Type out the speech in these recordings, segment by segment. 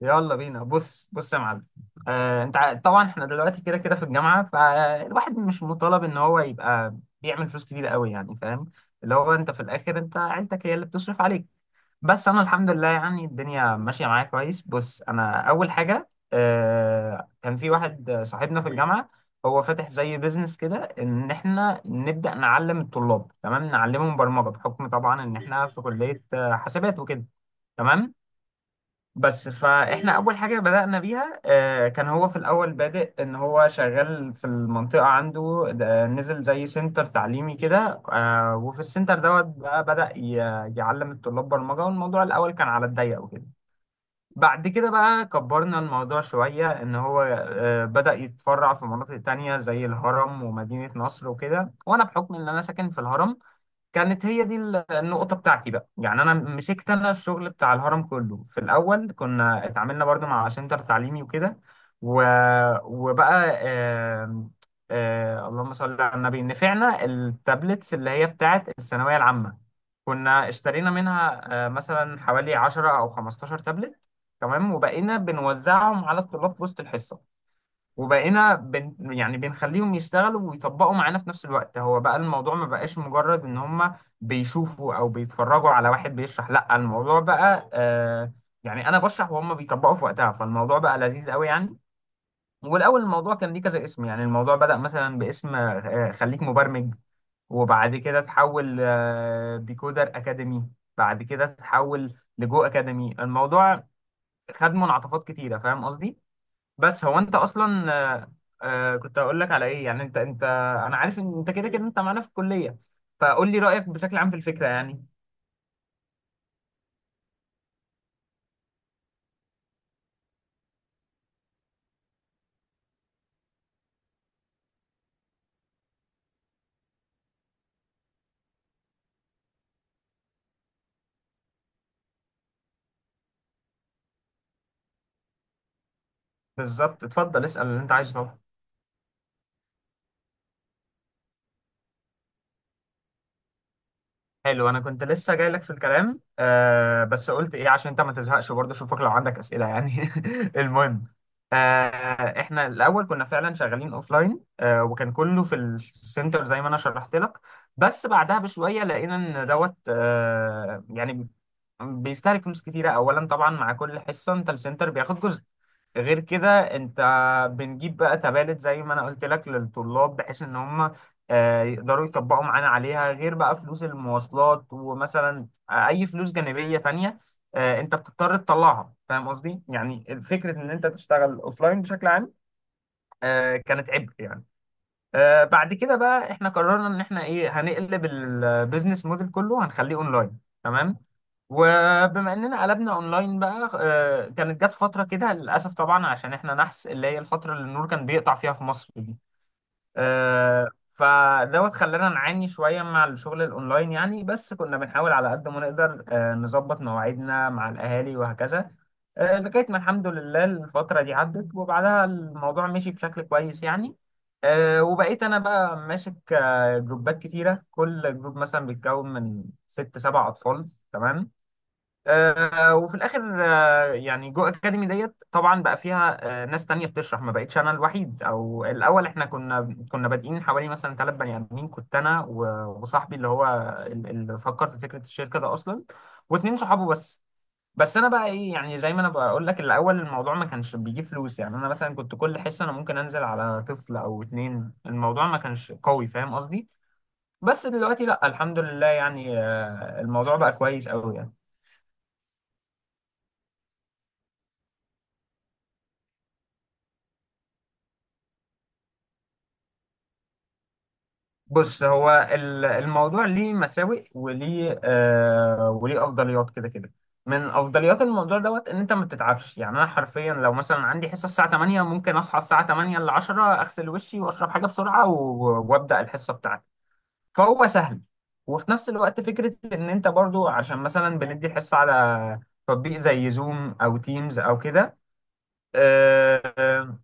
يلا بينا. بص بص يا معلم. طبعا احنا دلوقتي كده كده في الجامعه، فالواحد مش مطالب ان هو يبقى بيعمل فلوس كتير قوي، يعني فاهم؟ اللي هو انت في الاخر، انت عيلتك هي اللي بتصرف عليك. بس انا الحمد لله، يعني الدنيا ماشيه معايا كويس. بص، انا اول حاجه، كان في واحد صاحبنا في الجامعه هو فاتح زي بيزنس كده ان احنا نبدا نعلم الطلاب، تمام، نعلمهم برمجه بحكم طبعا ان احنا في كليه حاسبات وكده. تمام. بس فاحنا اول حاجه بدانا بيها كان هو في الاول بادئ ان هو شغال في المنطقه عنده، ده نزل زي سنتر تعليمي كده. وفي السنتر دوت بقى بدا يعلم الطلاب برمجه، والموضوع الاول كان على الضيق وكده. بعد كده بقى كبرنا الموضوع شويه، ان هو بدا يتفرع في مناطق تانية زي الهرم ومدينه نصر وكده. وانا بحكم ان انا ساكن في الهرم، كانت هي دي النقطة بتاعتي بقى، يعني أنا مسكت، أنا الشغل بتاع الهرم كله. في الأول كنا اتعاملنا برضو مع سنتر تعليمي وكده. و... وبقى آم، آه، اللهم صل على النبي، نفعنا التابلتس اللي هي بتاعت الثانوية العامة. كنا اشترينا منها مثلا حوالي 10 أو 15 تابلت. تمام. وبقينا بنوزعهم على الطلاب في وسط الحصة. وبقينا يعني بنخليهم يشتغلوا ويطبقوا معانا في نفس الوقت. هو بقى الموضوع ما بقاش مجرد ان هم بيشوفوا او بيتفرجوا على واحد بيشرح، لا، الموضوع بقى يعني انا بشرح وهم بيطبقوا في وقتها. فالموضوع بقى لذيذ قوي، يعني. والاول الموضوع كان ليه كذا اسم. يعني الموضوع بدأ مثلا باسم خليك مبرمج. وبعد كده تحول بيكودر اكاديمي. بعد كده تحول لجو اكاديمي. الموضوع خد منعطفات كتيرة، فاهم قصدي؟ بس هو انت اصلا كنت هقول لك على ايه. يعني انت انا عارف ان انت كده كده انت معانا في الكليه، فقول لي رايك بشكل عام في الفكره، يعني. بالظبط. اتفضل اسال اللي انت عايزه طبعا. حلو. انا كنت لسه جاي لك في الكلام، بس قلت ايه عشان انت ما تزهقش برضه، اشوفك لو عندك اسئله يعني. المهم، آه احنا الاول كنا فعلا شغالين اوفلاين، وكان كله في السنتر زي ما انا شرحت لك. بس بعدها بشويه لقينا ان دوت يعني بيستهلك فلوس كتيرة. أولا طبعا مع كل حصة أنت السنتر بياخد جزء. غير كده، أنت بنجيب بقى تبادل زي ما أنا قلت لك للطلاب بحيث إن هم يقدروا يطبقوا معانا عليها. غير بقى فلوس المواصلات ومثلا أي فلوس جانبية تانية أنت بتضطر تطلعها، فاهم قصدي؟ يعني فكرة إن أنت تشتغل أوفلاين بشكل عام كانت عبء يعني. بعد كده بقى إحنا قررنا إن إحنا إيه هنقلب البيزنس موديل كله، هنخليه أونلاين تمام؟ وبما اننا قلبنا اونلاين بقى كانت جت فتره كده، للاسف طبعا، عشان احنا نحس اللي هي الفتره اللي النور كان بيقطع فيها في مصر دي. آه، فدوت خلانا نعاني شويه مع الشغل الاونلاين يعني. بس كنا بنحاول على قد ما نقدر نظبط مواعيدنا مع الاهالي وهكذا. لغايه ما الحمد لله الفتره دي عدت، وبعدها الموضوع مشي بشكل كويس يعني. وبقيت انا بقى ماسك جروبات كتيره، كل جروب مثلا بيتكون من ست سبع اطفال، تمام. وفي الاخر يعني جو اكاديمي ديت طبعا بقى فيها ناس تانية بتشرح، ما بقتش انا الوحيد. او الاول احنا كنا بادئين حوالي مثلا ثلاث بني ادمين، كنت انا و- وصاحبي اللي هو اللي فكر في فكرة الشركة ده اصلا، واتنين صحابه بس. بس انا بقى ايه، يعني زي ما انا بقول لك الاول الموضوع ما كانش بيجيب فلوس. يعني انا مثلا كنت كل حصة انا ممكن انزل على طفل او اتنين. الموضوع ما كانش قوي، فاهم قصدي؟ بس دلوقتي لا، الحمد لله، يعني الموضوع بقى كويس قوي يعني. بص، هو الموضوع ليه مساوئ وليه وليه افضليات، كده كده. من افضليات الموضوع دوت ان انت ما بتتعبش. يعني انا حرفيا لو مثلا عندي حصه الساعه 8، ممكن اصحى الساعه 8 ل 10 اغسل وشي واشرب حاجه بسرعه و- وابدا الحصه بتاعتي. فهو سهل. وفي نفس الوقت فكره ان انت برضو عشان مثلا بندي الحصه على تطبيق زي زوم او تيمز او كده آه،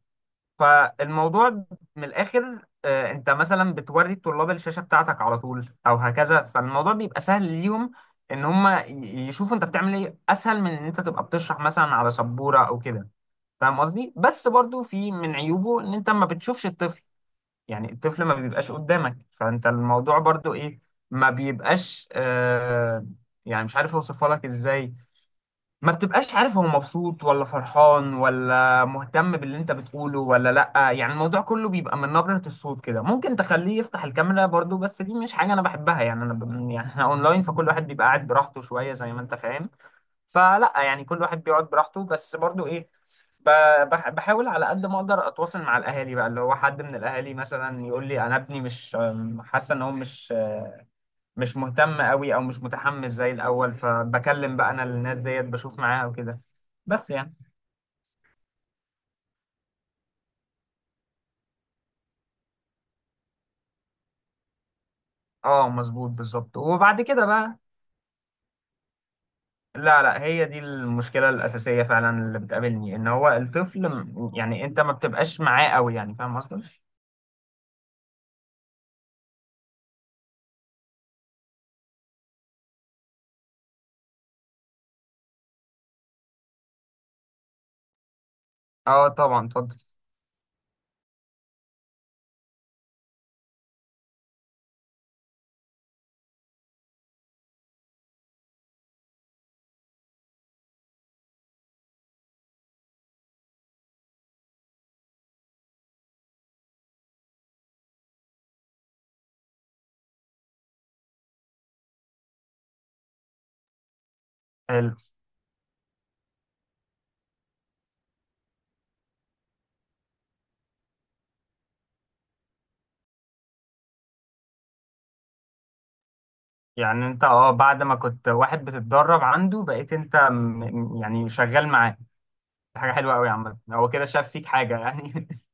فالموضوع من الاخر انت مثلا بتوري الطلاب الشاشه بتاعتك على طول او هكذا، فالموضوع بيبقى سهل ليهم، ان هم يشوفوا انت بتعمل ايه، اسهل من ان انت تبقى بتشرح مثلا على سبوره او كده، فاهم قصدي؟ بس برضو في من عيوبه ان انت ما بتشوفش الطفل. يعني الطفل ما بيبقاش قدامك، فانت الموضوع برضو ايه، ما بيبقاش يعني مش عارف اوصفها لك ازاي. ما بتبقاش عارف هو مبسوط ولا فرحان ولا مهتم باللي انت بتقوله ولا لأ. يعني الموضوع كله بيبقى من نبرة الصوت كده. ممكن تخليه يفتح الكاميرا برضو، بس دي مش حاجة انا بحبها، يعني انا يعني احنا اونلاين فكل واحد بيبقى قاعد براحته شوية، زي ما انت فاهم. فلأ، يعني كل واحد بيقعد براحته، بس برضو ايه ب... بحاول على قد ما اقدر اتواصل مع الاهالي بقى، اللي هو حد من الاهالي مثلا يقول لي انا ابني مش حاسة ان هو مش مهتم قوي او مش متحمس زي الاول. فبكلم بقى انا الناس ديت، بشوف معاها وكده، بس يعني. اه مظبوط، بالظبط. وبعد كده بقى، لا لا، هي دي المشكلة الأساسية فعلا اللي بتقابلني، إن هو الطفل يعني أنت ما بتبقاش معاه قوي، يعني فاهم قصدي؟ اه طبعا اتفضل. حلو. يعني أنت بعد ما كنت واحد بتتدرب عنده بقيت أنت يعني شغال معاه. دي حاجة حلوة قوي يا عم، هو كده شاف فيك حاجة يعني.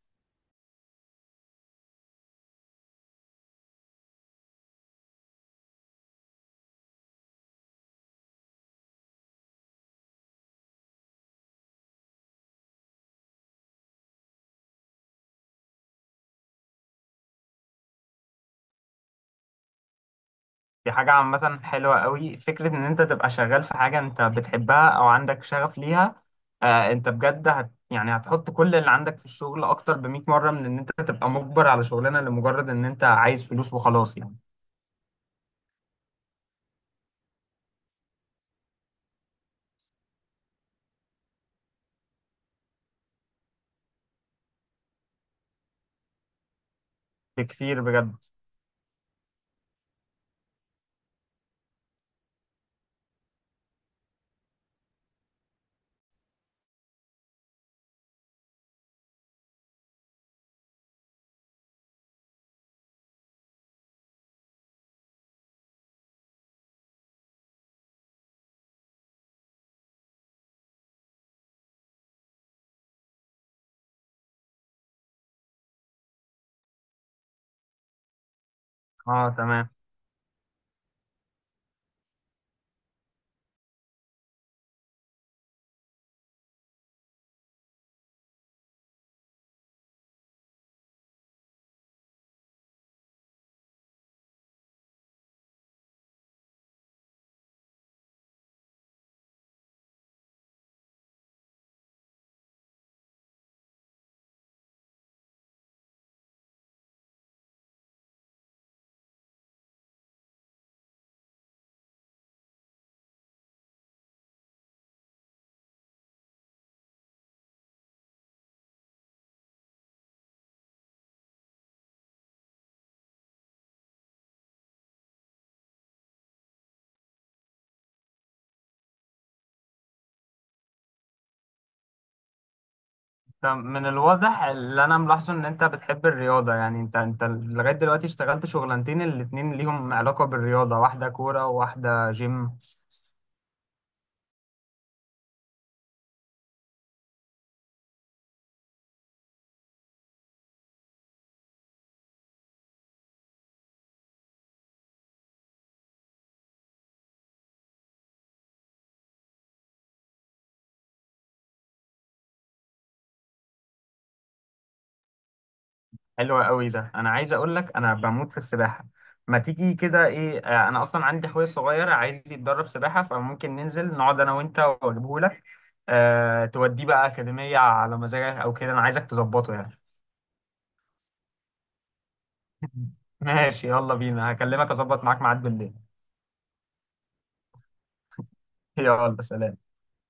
دي حاجة عامة حلوة قوي، فكرة إن أنت تبقى شغال في حاجة أنت بتحبها أو عندك شغف ليها. أنت بجد يعني هتحط كل اللي عندك في الشغل أكتر ب100 مرة من إن أنت تبقى مجبر على شغلانة لمجرد إن أنت عايز فلوس وخلاص، يعني. بكتير، بجد. أه تمام. طب من الواضح اللي أنا ملاحظه إن أنت بتحب الرياضة، يعني أنت لغاية دلوقتي اشتغلت شغلانتين الاتنين ليهم علاقة بالرياضة، واحدة كورة وواحدة جيم. حلو قوي ده، انا عايز اقول لك انا بموت في السباحه. ما تيجي كده، ايه، انا اصلا عندي اخويا الصغير عايز يتدرب سباحه، فممكن ننزل نقعد انا وانت واجيبه لك. أه، توديه بقى اكاديميه على مزاجك او كده، انا عايزك تظبطه يعني. ماشي، يلا بينا، هكلمك اظبط معاك ميعاد بالليل. يلا سلام.